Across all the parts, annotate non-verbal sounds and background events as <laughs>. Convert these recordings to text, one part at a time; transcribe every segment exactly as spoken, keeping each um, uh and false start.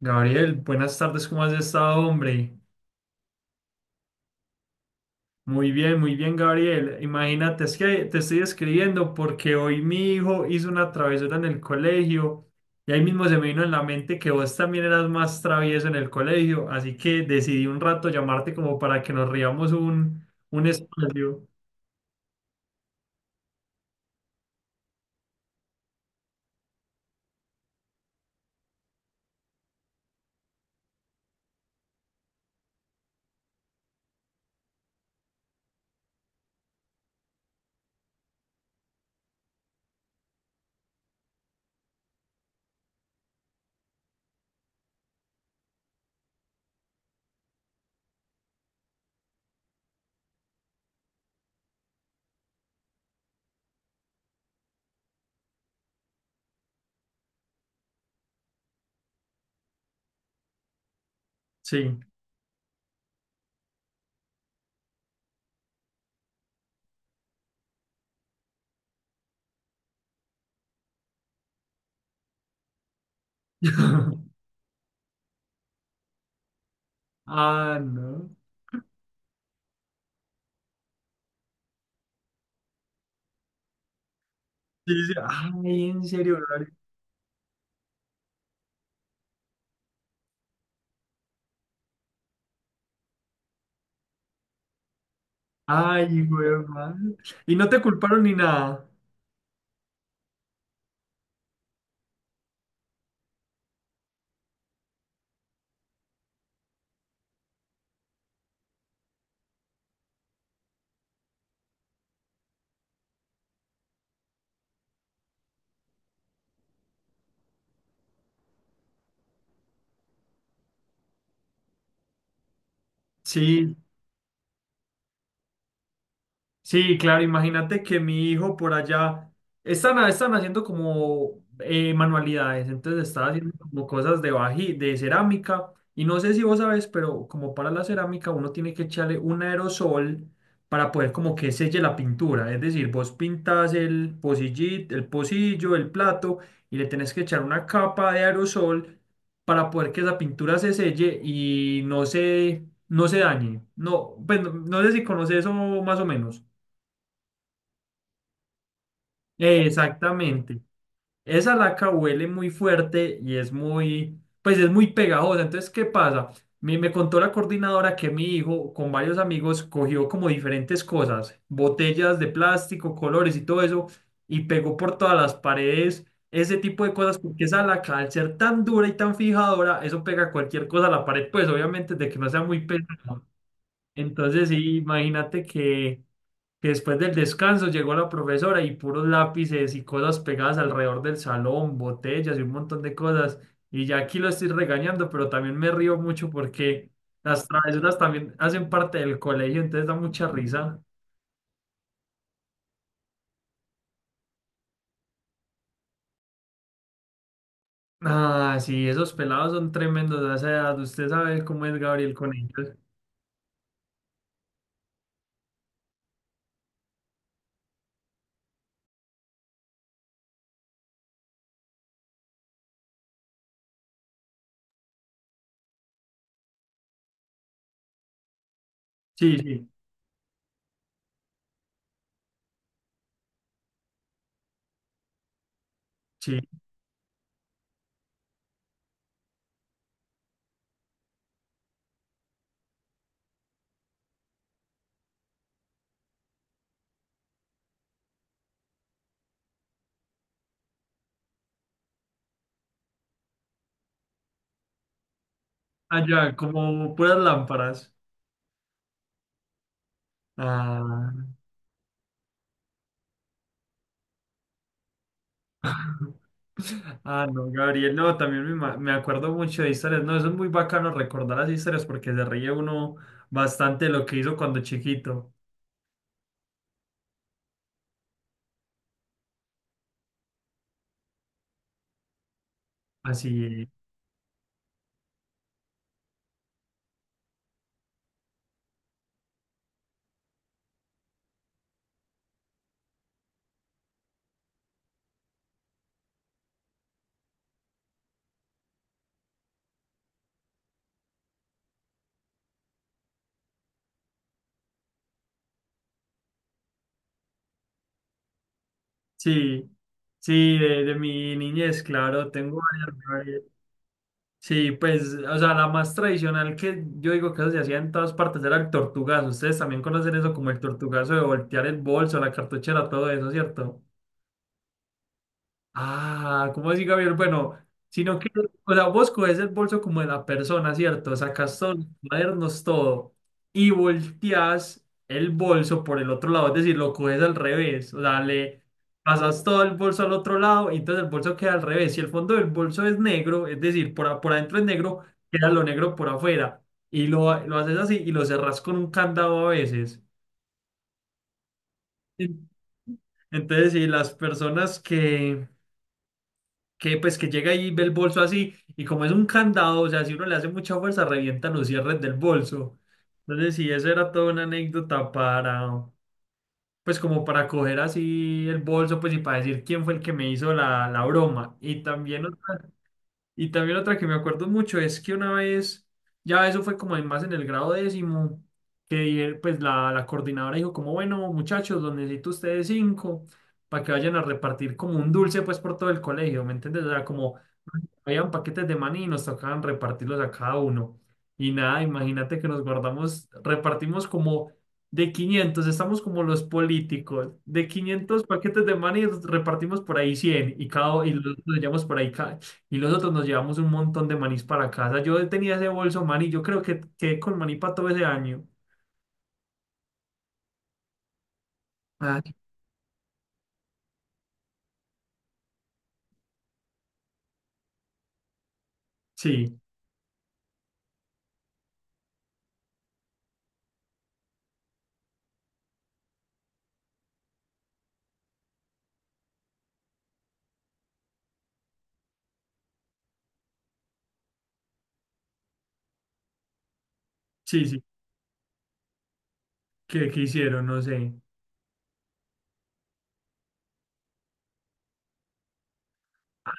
Gabriel, buenas tardes, ¿cómo has estado, hombre? Muy bien, muy bien, Gabriel. Imagínate, es que te estoy escribiendo porque hoy mi hijo hizo una travesura en el colegio y ahí mismo se me vino en la mente que vos también eras más travieso en el colegio, así que decidí un rato llamarte como para que nos riamos un, un espacio. Sí. <laughs> Ah, no. Sí, sí. Ay, en serio, Gabriel. Ay, hijo de madre. Y no te culparon ni nada. Sí. Sí, claro, imagínate que mi hijo por allá están, están haciendo como eh, manualidades, entonces está haciendo como cosas de baji, de cerámica, y no sé si vos sabes, pero como para la cerámica uno tiene que echarle un aerosol para poder como que selle la pintura, es decir, vos pintas el pocillit- el pocillo, el plato, y le tenés que echar una capa de aerosol para poder que esa pintura se selle y no se, no se dañe. No, pues no no sé si conoces eso más o menos. Exactamente. Esa laca huele muy fuerte y es muy, pues es muy pegajosa. Entonces, ¿qué pasa? Me, me contó la coordinadora que mi hijo con varios amigos cogió como diferentes cosas, botellas de plástico, colores y todo eso, y pegó por todas las paredes ese tipo de cosas, porque esa laca, al ser tan dura y tan fijadora, eso pega cualquier cosa a la pared, pues obviamente de que no sea muy pesada. Entonces, sí, imagínate que que después del descanso llegó la profesora y puros lápices y cosas pegadas alrededor del salón, botellas y un montón de cosas. Y ya aquí lo estoy regañando, pero también me río mucho porque las travesuras también hacen parte del colegio, entonces da mucha risa. Ah, sí, esos pelados son tremendos a esa edad. Usted sabe cómo es Gabriel con ellos. Sí, sí, sí. Allá, como puras lámparas. Ah. Ah, no, Gabriel, no, también me, ma- me acuerdo mucho de historias, no, eso es muy bacano recordar las historias porque se ríe uno bastante de lo que hizo cuando chiquito, así, es. Sí, sí, de, de mi niñez, claro, tengo varias, Gabriel. Sí, pues, o sea, la más tradicional que yo digo que eso se hacía en todas partes era el tortugazo, ustedes también conocen eso como el tortugazo de voltear el bolso, la cartuchera, todo eso, ¿cierto? Ah, ¿cómo así, Gabriel? Bueno, sino que, o sea, vos coges el bolso como de la persona, ¿cierto? Sacas todos los cuadernos, todo, y volteas el bolso por el otro lado, es decir, lo coges al revés, o sea, le pasas todo el bolso al otro lado, y entonces el bolso queda al revés. Si el fondo del bolso es negro, es decir, por, a- por adentro es negro, queda lo negro por afuera, y lo, lo haces así y lo cerrás con un candado a veces. En- Entonces, si las personas que que pues que llega ahí y ve el bolso así, y como es un candado, o sea, si uno le hace mucha fuerza, revienta los cierres del bolso. Entonces, sí, eso era toda una anécdota para, pues como para coger así el bolso, pues y para decir quién fue el que me hizo la, la broma. Y también otra y también otra que me acuerdo mucho es que una vez, ya eso fue como en más en el grado décimo, que eh, pues la, la coordinadora dijo como, bueno, muchachos, los necesito ustedes cinco para que vayan a repartir como un dulce pues por todo el colegio, ¿me entiendes? O sea, como habían paquetes de maní y nos tocaban repartirlos a cada uno. Y nada, imagínate que nos guardamos, repartimos como de quinientos estamos como los políticos, de quinientos paquetes de maní repartimos por ahí cien y cada y los otros llevamos por ahí y nosotros nos llevamos un montón de manís para casa. Yo tenía ese bolso maní, yo creo que quedé con maní para todo ese año. Ay. Sí, sí, sí. ¿Qué, qué hicieron? No sé.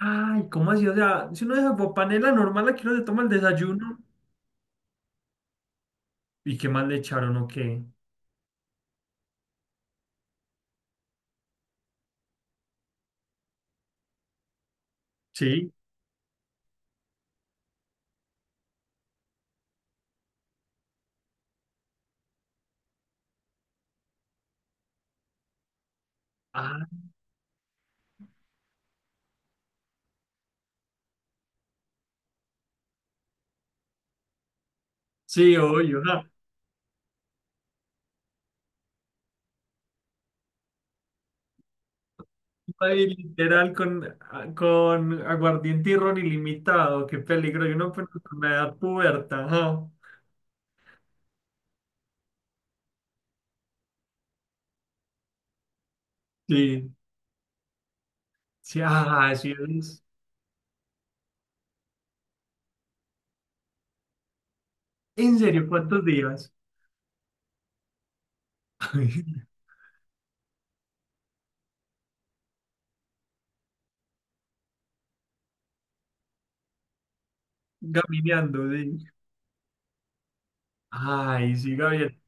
Ay, ¿cómo así? O sea, si uno de esas panela normal aquí uno se toma el desayuno, ¿y qué más le echaron o qué? Sí. Ah, sí, obvio. Ja. Ay, literal con, ah, con aguardiente y ron ilimitado. Qué peligro. Yo no puedo con la edad puberta. Ajá. Sí, sí, ah, sí. es- En serio, ¿cuántos días? <laughs> Gamineando, sí. Ay, sí, Gabriel.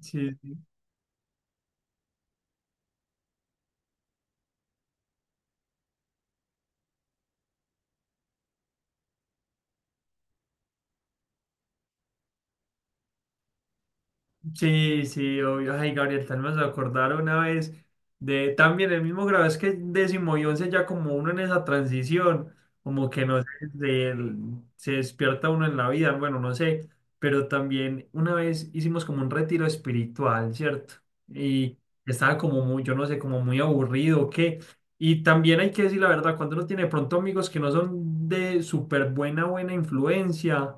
Sí, sí. Sí, sí, obvio. Ay, Gabriel, tal vez me vas acordar una vez de también el mismo grado, es que décimo y once ya como uno en esa transición, como que no sé, de- se despierta uno en la vida, bueno, no sé, pero también una vez hicimos como un retiro espiritual, ¿cierto? Y estaba como muy, yo no sé, como muy aburrido, o ¿qué? Y también hay que decir la verdad, cuando uno tiene de pronto amigos que no son de súper buena, buena influencia.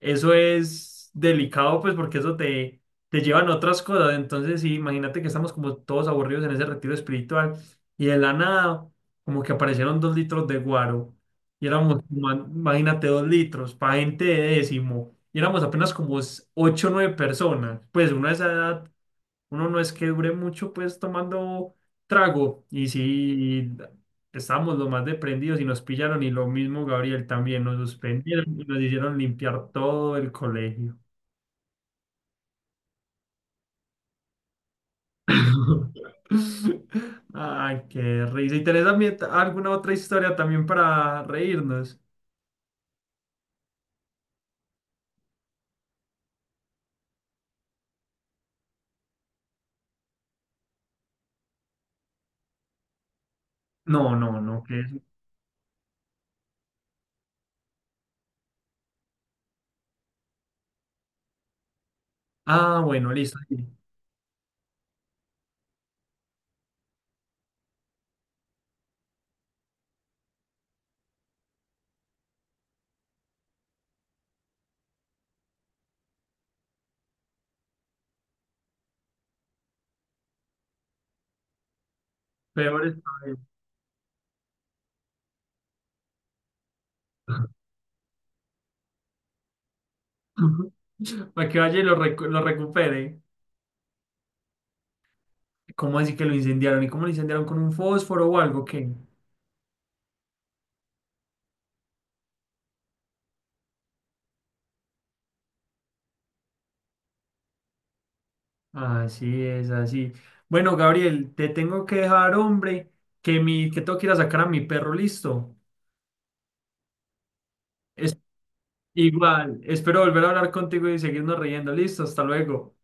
Eso es delicado, pues, porque eso te, te llevan a otras cosas. Entonces, sí, imagínate que estamos como todos aburridos en ese retiro espiritual y de la nada, como que aparecieron dos litros de guaro y éramos, ma- imagínate, dos litros para gente de décimo y éramos apenas como s- ocho o nueve personas. Pues uno a esa edad uno no es que dure mucho pues tomando trago y si estábamos lo más deprendidos y nos pillaron y lo mismo Gabriel también nos suspendieron y nos hicieron limpiar todo el colegio. <laughs> Ay, qué risa. ¿Y tenés también alguna otra historia también para reírnos? No, no, no, que Ah, bueno, listo. Sí. Peor historia. <laughs> Para que vaya y lo, recu- lo recupere. ¿Cómo así que lo incendiaron? ¿Y cómo lo incendiaron con un fósforo o algo? ¿Qué? Así es, así. Bueno, Gabriel, te tengo que dejar, hombre, que mi, que tengo que ir a sacar a mi perro, listo. Es igual, espero volver a hablar contigo y seguirnos riendo, listo, hasta luego.